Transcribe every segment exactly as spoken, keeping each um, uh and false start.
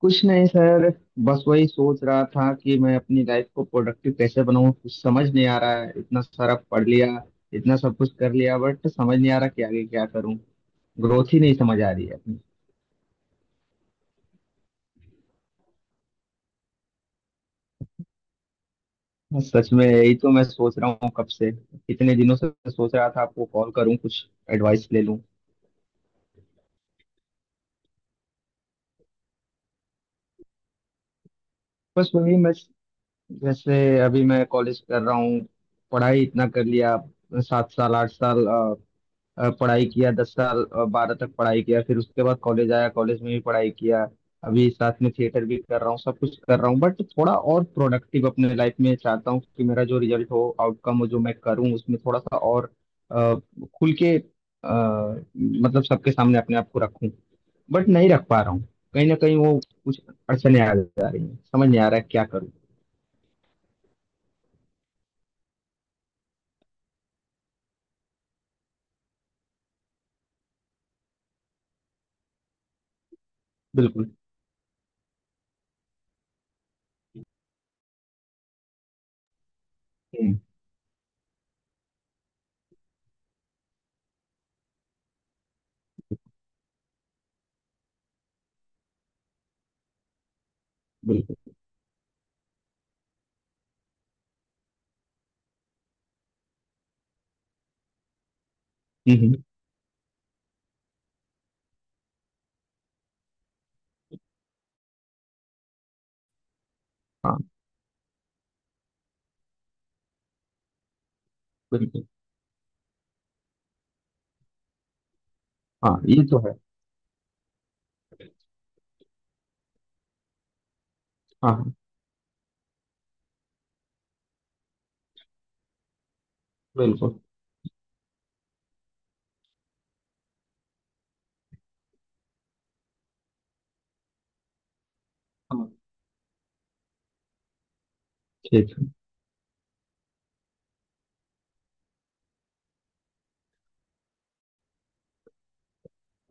कुछ नहीं सर। बस वही सोच रहा था कि मैं अपनी लाइफ को प्रोडक्टिव कैसे बनाऊं, कुछ समझ नहीं आ रहा है, इतना सारा पढ़ लिया, इतना सब कुछ कर लिया बट समझ नहीं आ रहा कि आगे क्या करूं। ग्रोथ ही नहीं समझ आ रही है अपनी। बस सच में यही तो मैं सोच रहा हूँ, कब से कितने दिनों से सोच रहा था आपको कॉल करूँ, कुछ एडवाइस ले लूँ। बस वही मैं, जैसे अभी मैं कॉलेज कर रहा हूँ। पढ़ाई इतना कर लिया, सात साल आठ साल अ, पढ़ाई किया, दस साल अ, बारह तक पढ़ाई किया, फिर उसके बाद कॉलेज आया, कॉलेज में भी पढ़ाई किया। अभी साथ में थिएटर भी कर रहा हूँ, सब कुछ कर रहा हूँ बट थोड़ा और प्रोडक्टिव अपने लाइफ में चाहता हूँ कि मेरा जो रिजल्ट हो आउटकम हो जो मैं करूँ उसमें थोड़ा सा और अ, खुल के अ, मतलब सबके सामने अपने आप को रखूँ, बट नहीं रख पा रहा हूँ। कहीं ना कहीं वो कुछ अड़चने आ जा रही हैं, समझ नहीं आ रहा है क्या करूँ। बिल्कुल। हम्म, बिल्कुल। हम्म हम्म। हाँ, बिल्कुल। हाँ, ये तो है। हाँ हाँ, बिल्कुल। हाँ। ठीक है।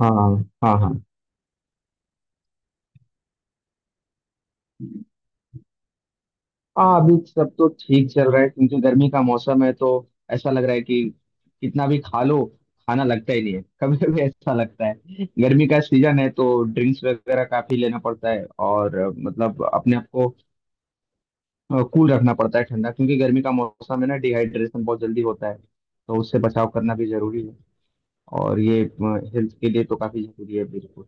हाँ हाँ हाँ। हाँ, अभी सब तो ठीक चल रहा है क्योंकि गर्मी का मौसम है तो ऐसा लग रहा है कि कितना भी खा लो खाना लगता ही नहीं है, कभी कभी ऐसा लगता है। गर्मी का सीजन है तो ड्रिंक्स वगैरह काफी लेना पड़ता है और अ, मतलब अपने आप को कूल रखना पड़ता है, ठंडा, क्योंकि गर्मी का मौसम है ना, डिहाइड्रेशन बहुत जल्दी होता है तो उससे बचाव करना भी जरूरी है। और ये हेल्थ के लिए तो काफी जरूरी है, बिल्कुल।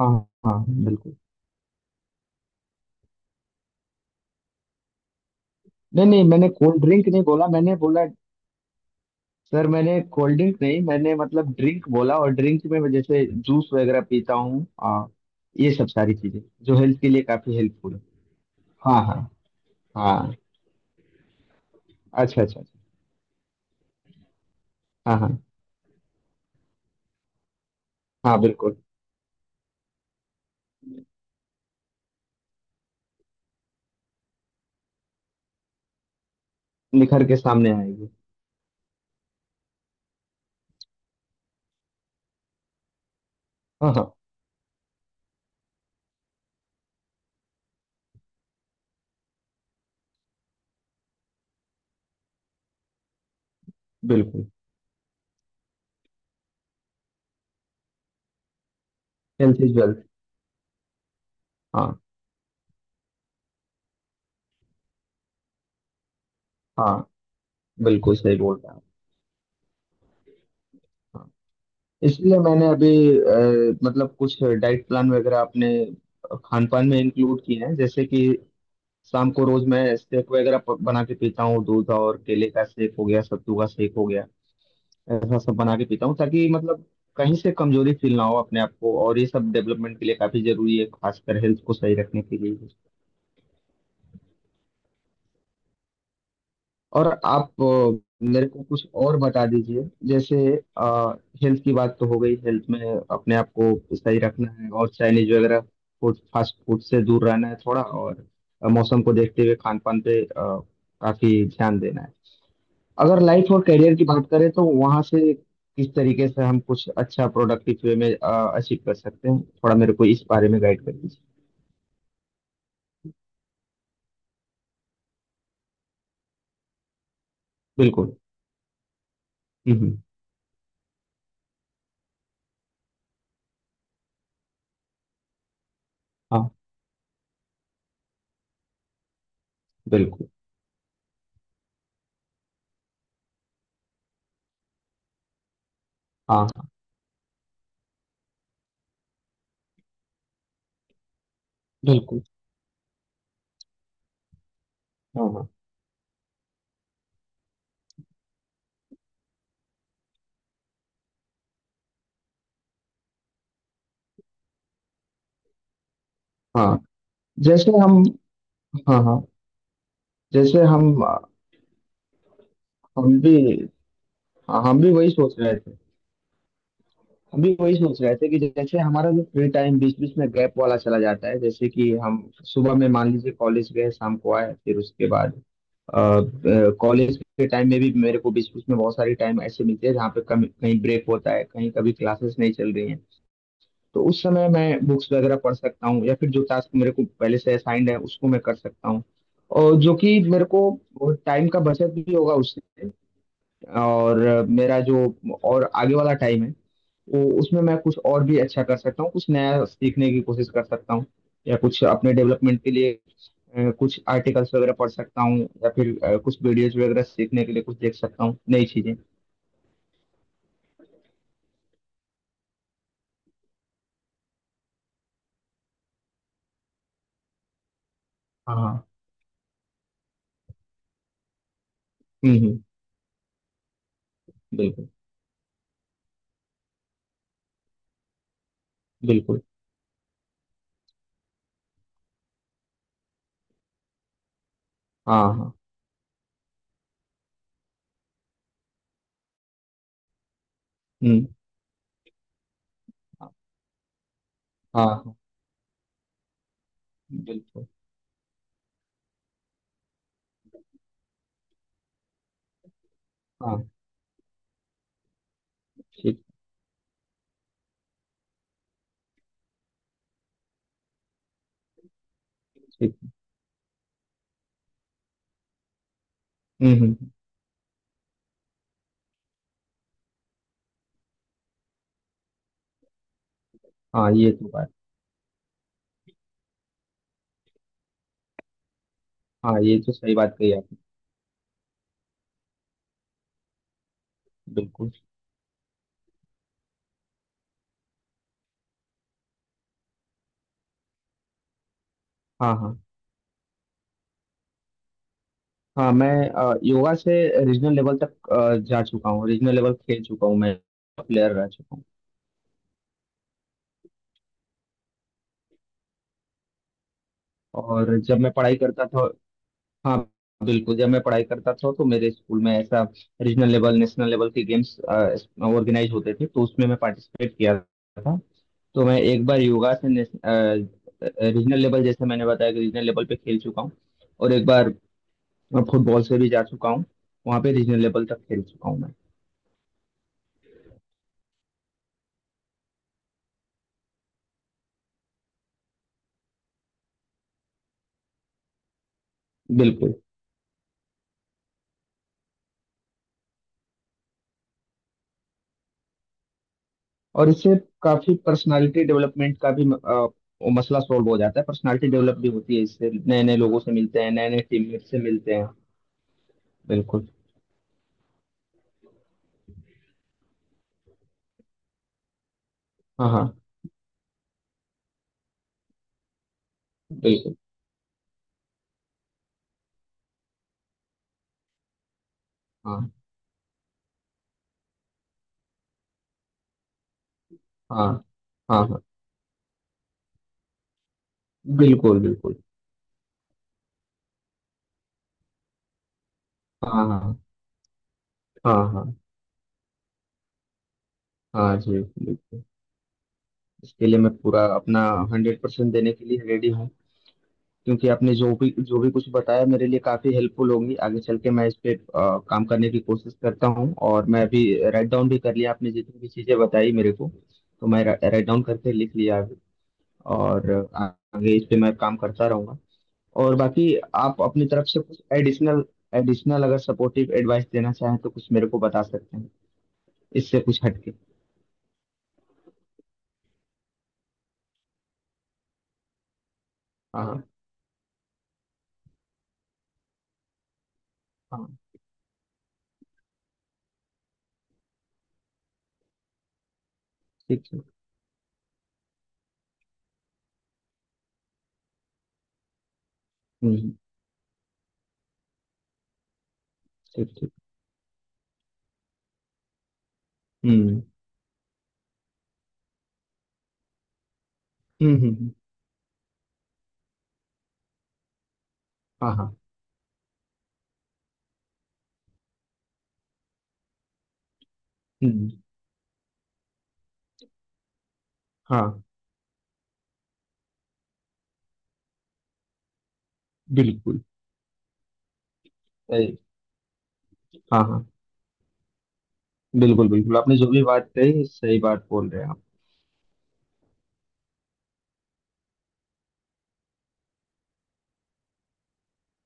हाँ हाँ। बिल्कुल। नहीं नहीं, मैंने कोल्ड ड्रिंक नहीं बोला, मैंने बोला सर मैंने कोल्ड ड्रिंक नहीं, मैंने मतलब ड्रिंक बोला और ड्रिंक में मैं जैसे जूस वगैरह पीता हूँ आ, ये सब सारी चीजें जो हेल्थ के लिए काफी हेल्पफुल है। हाँ हाँ हाँ। अच्छा अच्छा अच्छा। हाँ हाँ हाँ, बिल्कुल। निखर के सामने आएगी। हाँ हाँ। बिल्कुल। Health is wealth. हाँ हाँ। बिल्कुल सही बोल रहा हूँ। हाँ। इसलिए मैंने अभी अ, मतलब कुछ डाइट प्लान वगैरह अपने खान पान में इंक्लूड किए हैं, जैसे कि शाम को रोज मैं शेक वगैरह प- बना के पीता हूँ, दूध और केले का शेक हो गया, सत्तू का शेक हो गया, ऐसा सब बना के पीता हूँ ताकि मतलब कहीं से कमजोरी फील ना हो अपने आप को, और ये सब डेवलपमेंट के लिए काफी जरूरी है, खासकर हेल्थ को सही रखने के लिए। और आप अ, मेरे को कुछ और बता दीजिए, जैसे हेल्थ की बात तो हो गई, हेल्थ में अपने आप को सही रखना है और चाइनीज वगैरह फूड, फास्ट फूड से दूर रहना है थोड़ा और अ, मौसम को देखते हुए खान पान पे अ, काफी ध्यान देना है। अगर लाइफ और करियर की बात करें तो वहां से किस तरीके से हम कुछ अच्छा प्रोडक्टिव वे में अचीव कर सकते हैं, थोड़ा मेरे को इस बारे में गाइड कर दीजिए। बिल्कुल। हम्म हम्म, हाँ बिल्कुल। हाँ हाँ, बिल्कुल। हाँ हाँ हाँ। जैसे हम। हाँ हाँ। जैसे हम। हम भी। हाँ, हम भी वही सोच रहे थे। अभी वही सोच रहे थे कि जैसे हमारा जो फ्री टाइम बीच बीच में गैप वाला चला जाता है, जैसे कि हम सुबह में मान लीजिए कॉलेज गए, शाम को आए, फिर उसके बाद कॉलेज के टाइम में भी मेरे को बीच बीच में बहुत सारी टाइम ऐसे मिलते हैं जहाँ पे कभी कहीं ब्रेक होता है, कहीं कभी क्लासेस नहीं चल रही हैं, तो उस समय मैं बुक्स वगैरह पढ़ सकता हूँ या फिर जो टास्क मेरे को पहले से असाइंड है उसको मैं कर सकता हूँ, और जो कि मेरे को टाइम का बचत भी होगा उससे, और अ, मेरा जो और आगे वाला टाइम है तो उसमें मैं कुछ और भी अच्छा कर सकता हूँ, कुछ नया सीखने की कोशिश कर सकता हूँ, या कुछ अपने डेवलपमेंट के लिए अ, कुछ आर्टिकल्स वगैरह पढ़ सकता हूँ या फिर अ, कुछ वीडियोज वगैरह सीखने के लिए कुछ देख सकता हूँ, नई चीजें। हाँ हाँ। हम्म हम्म, बिल्कुल बिल्कुल। हाँ हाँ। हम्म, हाँ हाँ, बिल्कुल। हाँ, ठीक ठीक। हम्म हम्म। हाँ ये तो बात। हाँ ये तो सही बात कही आपने। बिल्कुल। हाँ हाँ। हाँ मैं अ, योगा से रीजनल लेवल तक अ, जा चुका हूँ, रीजनल लेवल खेल चुका हूँ मैं, प्लेयर रह चुका हूँ। और जब मैं पढ़ाई करता था। हाँ, बिल्कुल, जब मैं पढ़ाई करता था तो मेरे स्कूल में ऐसा रीजनल लेवल नेशनल लेवल के गेम्स ऑर्गेनाइज होते थे तो उसमें मैं पार्टिसिपेट किया था। तो मैं एक बार योगा से रीजनल लेवल, जैसे मैंने बताया कि रीजनल लेवल पे खेल चुका हूँ। और एक बार फुटबॉल से भी जा चुका हूँ, वहाँ पे रीजनल लेवल तक खेल चुका हूँ मैं। बिल्कुल। और इससे काफी पर्सनालिटी डेवलपमेंट का भी अ, वो मसला सॉल्व हो जाता है, पर्सनालिटी डेवलप भी होती है, इससे नए नए लोगों से मिलते हैं, नए नए टीममेट से मिलते हैं। बिल्कुल। हाँ हाँ। बिल्कुल। हाँ हाँ हाँ। हाँ बिल्कुल बिल्कुल। हाँ हाँ हाँ। हाँ हाँ जी। बिल्कुल। इसके लिए मैं पूरा अपना हंड्रेड परसेंट देने के लिए रेडी हूँ। क्योंकि आपने जो भी जो भी कुछ बताया मेरे लिए काफ़ी हेल्पफुल होगी आगे चल के, मैं इस पे अ, काम करने की कोशिश करता हूँ, और मैं अभी राइट डाउन भी कर लिया, आपने जितनी भी चीज़ें बताई मेरे को, तो मैं राइट डाउन करके लिख लिया अभी, और आ- आगे इस पे मैं काम करता रहूँगा। और बाकी आप अपनी तरफ से कुछ एडिशनल, एडिशनल अगर सपोर्टिव एडवाइस देना चाहें तो कुछ मेरे को बता सकते हैं, इससे कुछ हटके। हाँ हाँ हाँ। ठीक ठीक। हम्म, ठीक ठीक। हम्म हम्म हम्म। हम्म, हाँ हाँ। हम्म। हाँ बिल्कुल। हाँ हाँ बिल्कुल। बिल्कुल आपने जो भी बात कही, सही बात बोल रहे हैं आप।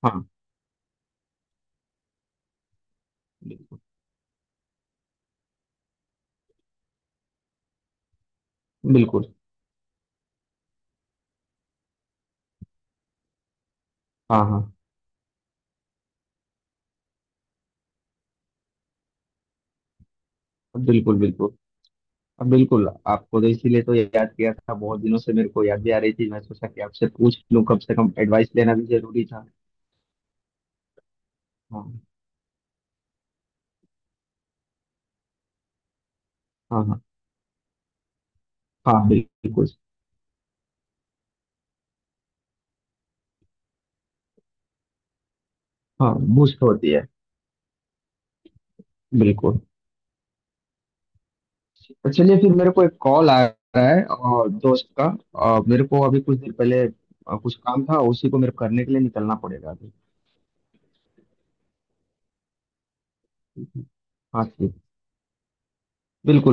हाँ। बिल्कुल बिल्कुल। हाँ हाँ। बिल्कुल बिल्कुल। अब बिल्कुल आपको तो इसीलिए तो याद किया था, बहुत दिनों से मेरे को याद भी आ रही थी, मैं सोचा कि आपसे पूछ लूँ कम से कम, एडवाइस लेना भी जरूरी था। हाँ हाँ हाँ। हाँ बिल्कुल। हाँ, बूस्ट होती है। बिल्कुल। तो चलिए फिर, मेरे को एक कॉल आ रहा है और दोस्त का, और मेरे को अभी कुछ देर पहले अ, कुछ काम था उसी को मेरे को करने के लिए निकलना पड़ेगा अभी। हाँ जी। बिल्कुल।